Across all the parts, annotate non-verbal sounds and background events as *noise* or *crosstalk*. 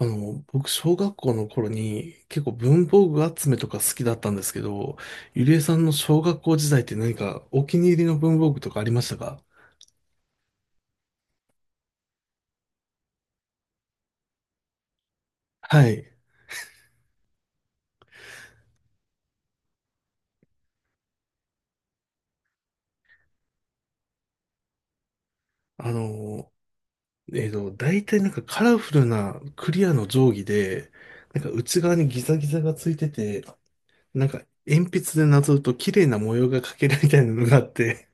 僕、小学校の頃に結構文房具集めとか好きだったんですけど、ゆりえさんの小学校時代って何かお気に入りの文房具とかありましたか？はい。あの、大体なんかカラフルなクリアの定規で、なんか内側にギザギザがついてて、なんか鉛筆でなぞると綺麗な模様が描けるみたいなのがあって、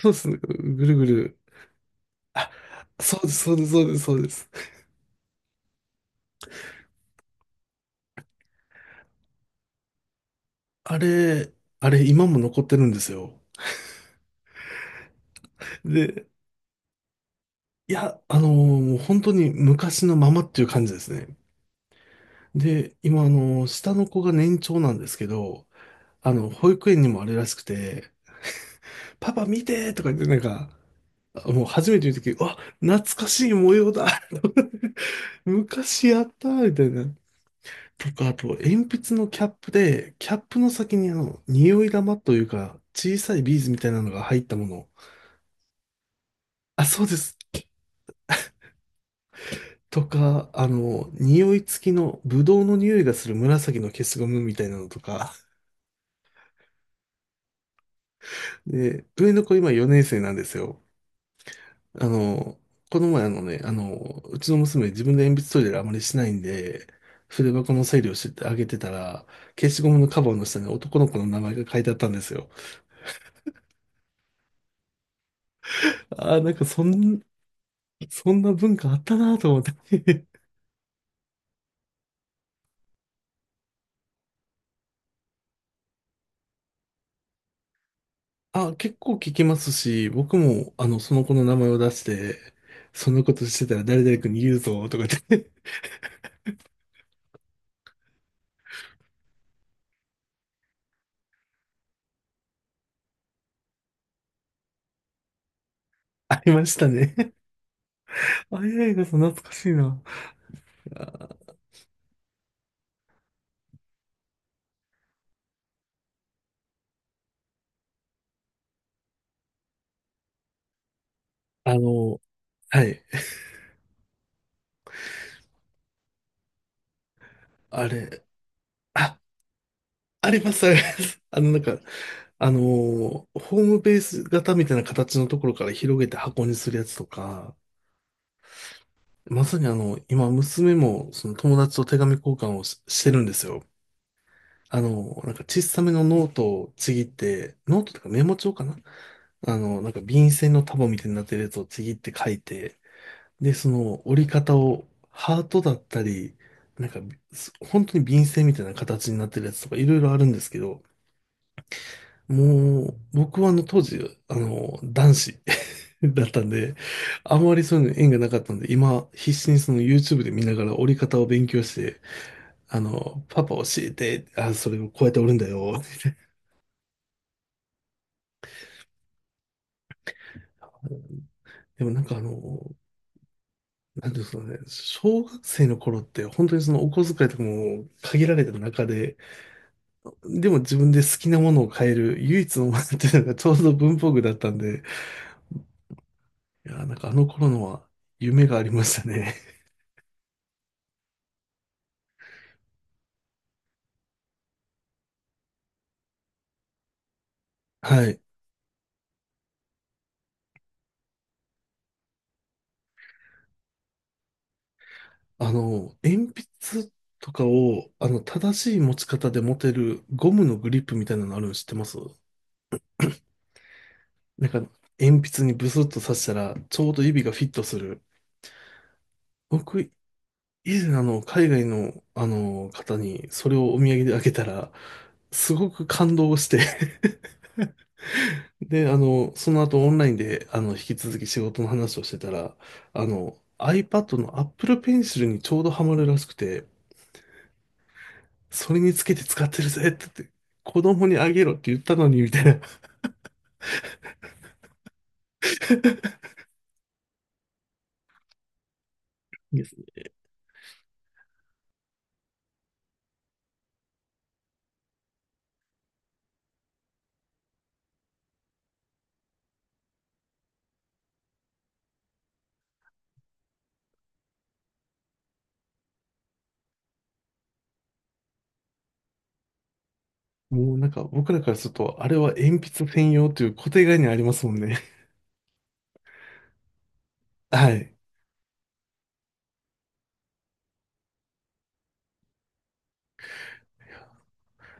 そうです。ぐるぐる。そうです、そうです、そうです、そうです。あれ、あれ今も残ってるんですよ。で、いや、もう本当に昔のままっていう感じですね。で、今、下の子が年長なんですけど、あの、保育園にもあれらしくて、パパ見てとか言って、なんか、あ、もう初めて言うとき、うわ、懐かしい模様だ。 *laughs* 昔やったみたいな。とか、あと、鉛筆のキャップで、キャップの先にあの、匂い玉というか、小さいビーズみたいなのが入ったもの。あ、そうです。とか、あの、匂い付きの、ブドウの匂いがする紫の消しゴムみたいなのとか。で、上の子今4年生なんですよ。あの、この前あのね、あの、うちの娘自分で鉛筆トイレあまりしないんで、筆箱の整理をしてあげてたら、消しゴムのカバーの下に男の子の名前が書いてあったんですよ。ああ、そんな文化あったなと思って。*laughs* あ、結構聞きますし、僕もあの、その子の名前を出して、そんなことしてたら誰々君に言うぞとかって。 *laughs* ありましたね。*laughs* あ、いやいや、懐かしいな。あの、はい。あれ、あ、あります、あります。*laughs* あの、なんか、ホームベース型みたいな形のところから広げて箱にするやつとか、まさにあの、今、娘も、その友達と手紙交換をしてるんですよ。あの、なんか小さめのノートをちぎって、ノートとかメモ帳かな。あの、なんか便箋の束みたいになってるやつをちぎって書いて、で、その折り方をハートだったり、なんか、本当に便箋みたいな形になってるやつとかいろいろあるんですけど、もう、僕はあの当時、あの、男子 *laughs* だったんで、あんまりそういうの縁がなかったんで、今、必死にその YouTube で見ながら折り方を勉強して、あの、パパ教えて、あ、それをこうやって折るんだよ。でもなんかあの、なんていうんですかね、小学生の頃って本当にそのお小遣いとかも限られた中で、でも自分で好きなものを変える唯一のものっていうのがちょうど文房具だったんで、いやー、なんかあの頃のは夢がありましたね。*laughs* はい。あの、鉛筆とかを、あの、正しい持ち方で持てるゴムのグリップみたいなのあるの知ってます？なんか、鉛筆にブスッと刺したら、ちょうど指がフィットする。僕、以前あの、海外の、あの、方にそれをお土産であげたら、すごく感動して。 *laughs* で、あの、その後オンラインで、あの、引き続き仕事の話をしてたら、あの、iPad の Apple Pencil にちょうどハマるらしくて、それにつけて使ってるぜって言って、子供にあげろって言ったのに、みたいな。*laughs* いいです。もうなんか僕らからすると、あれは鉛筆専用という固定概念ありますもんね。*laughs* はい。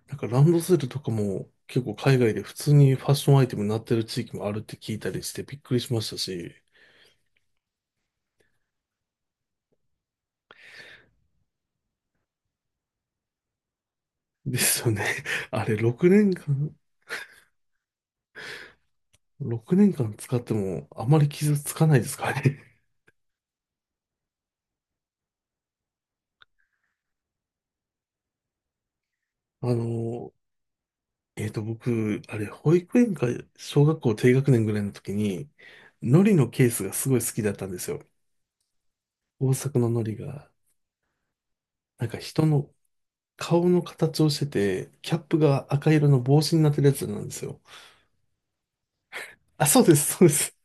なんかランドセルとかも結構海外で普通にファッションアイテムになってる地域もあるって聞いたりしてびっくりしましたし。ですよね。*laughs* あれ6年間6年間使ってもあまり傷つかないですかね。*laughs* あの、えっと、僕、あれ、保育園か小学校低学年ぐらいの時に、海苔のケースがすごい好きだったんですよ。大阪の海苔が、なんか人の顔の形をしてて、キャップが赤色の帽子になってるやつなんですよ。あ、そうです、そうです。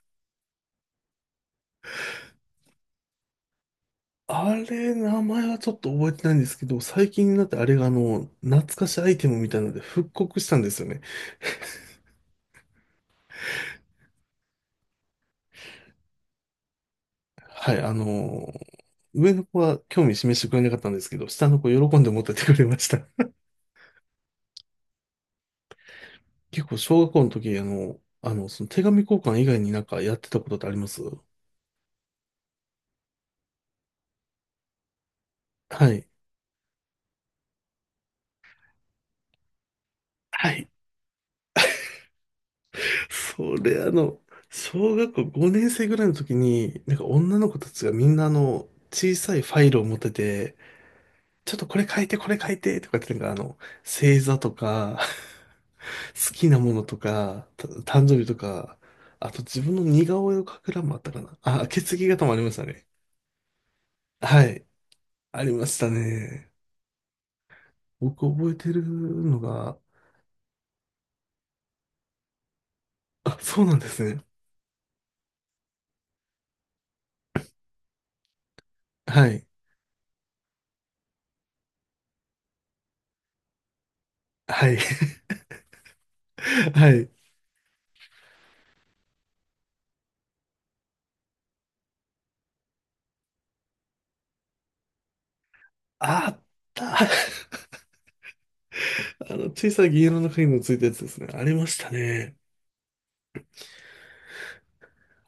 あれ、名前はちょっと覚えてないんですけど、最近になってあれがあの、懐かしアイテムみたいなので復刻したんですよね。はい、ー上の子は興味示してくれなかったんですけど、下の子喜んで持ってってくれました。*laughs* 結構小学校の時、その手紙交換以外になんかやってたことってあります？はい。はい。それあの、小学校5年生ぐらいの時に、なんか女の子たちがみんなあの、小さいファイルを持ってて、ちょっとこれ書いて、これ書いて、とかってなんかあの、星座とか *laughs*、好きなものとか、誕生日とか、あと自分の似顔絵を描く欄もあったかな。あ、血液型もありましたね。はい。ありましたね。僕覚えてるのが、あ、そうなんですね。はい。はい。*laughs* はい。あった。*laughs* あの、小さい銀色の鍵のついたやつですね。ありましたね。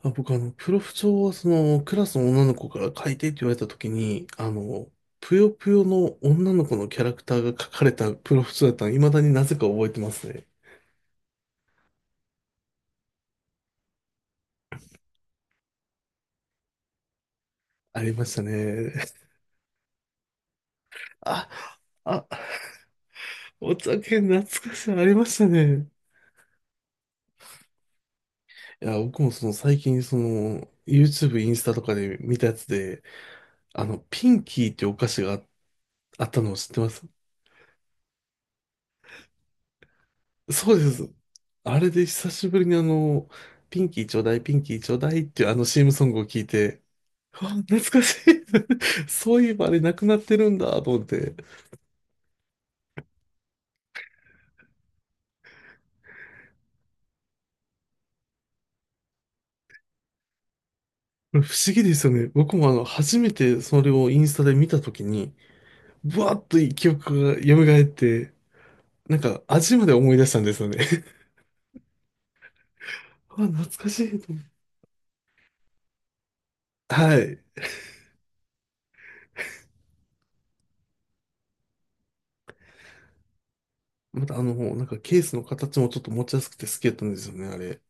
あ、僕、あの、プロフ帳は、その、クラスの女の子から書いてって言われた時に、あの、ぷよぷよの女の子のキャラクターが書かれたプロフ帳だったの、未だになぜか覚えてますね。ありましたね。あ、あ、お酒懐かしい、ありましたね。いや、僕もその最近、その、YouTube、インスタとかで見たやつで、あの、ピンキーってお菓子があったのを知ってます？そうです。あれで久しぶりにあの、ピンキーちょうだい、ピンキーちょうだいっていうあの CM ソングを聞いて、うわ、懐かしい。*laughs* そういえばあれなくなってるんだと思って。これ不思議ですよね。僕もあの、初めてそれをインスタで見たときに、ブワーッと記憶が蘇って、なんか味まで思い出したんですよね。*laughs* あ、懐かしいと思って。はい。またあの、なんかケースの形もちょっと持ちやすくて好きだったんですよね、あれ。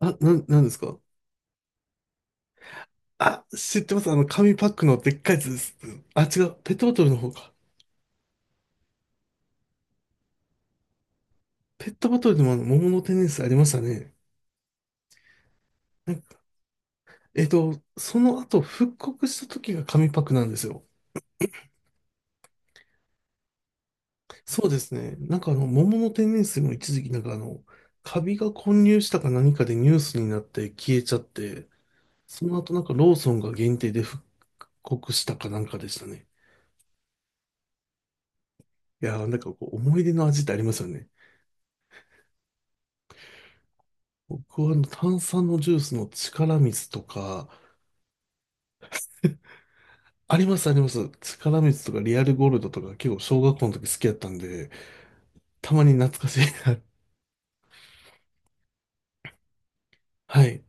あ、なんですか？あ、知ってます。あの、紙パックのでっかいやつです。あ、違う。ペットボトルの方か。ペットボトルでもあの、桃の天然水ありましたね。なんかえっと、その後復刻した時が紙パックなんですよ。そうですね。なんかあの、桃の天然水も一時期なんかあの、カビが混入したか何かでニュースになって消えちゃって、その後なんかローソンが限定でしたかなんかでしたね。いやーなんかこう思い出の味ってありますよね。僕はあの炭酸のジュースの力水とか、ありますあります。力水とかリアルゴールドとか結構小学校の時好きやったんで、たまに懐かしいな。*laughs* はい。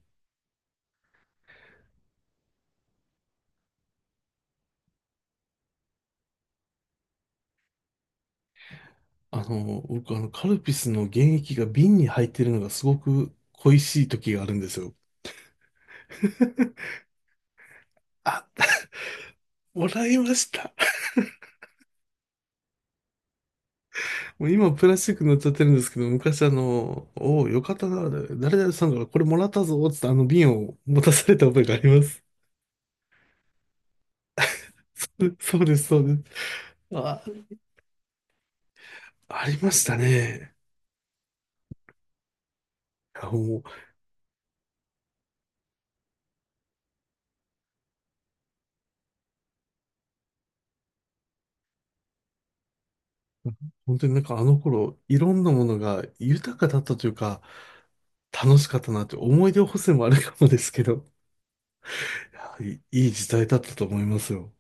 あの、僕あのカルピスの原液が瓶に入ってるのがすごく恋しい時があるんですよ。あ、もらいました。もう今プラスチック乗っちゃってるんですけど、昔あの、おお、よかったな、誰々さんからこれもらったぞ、つってあの瓶を持たされた覚えがあります。*laughs* そうそうです、そうです。あ、ありましたね。いやもう、本当になんかあの頃、いろんなものが豊かだったというか、楽しかったなって思い出補正もあるかもですけど、いや、い時代だったと思いますよ。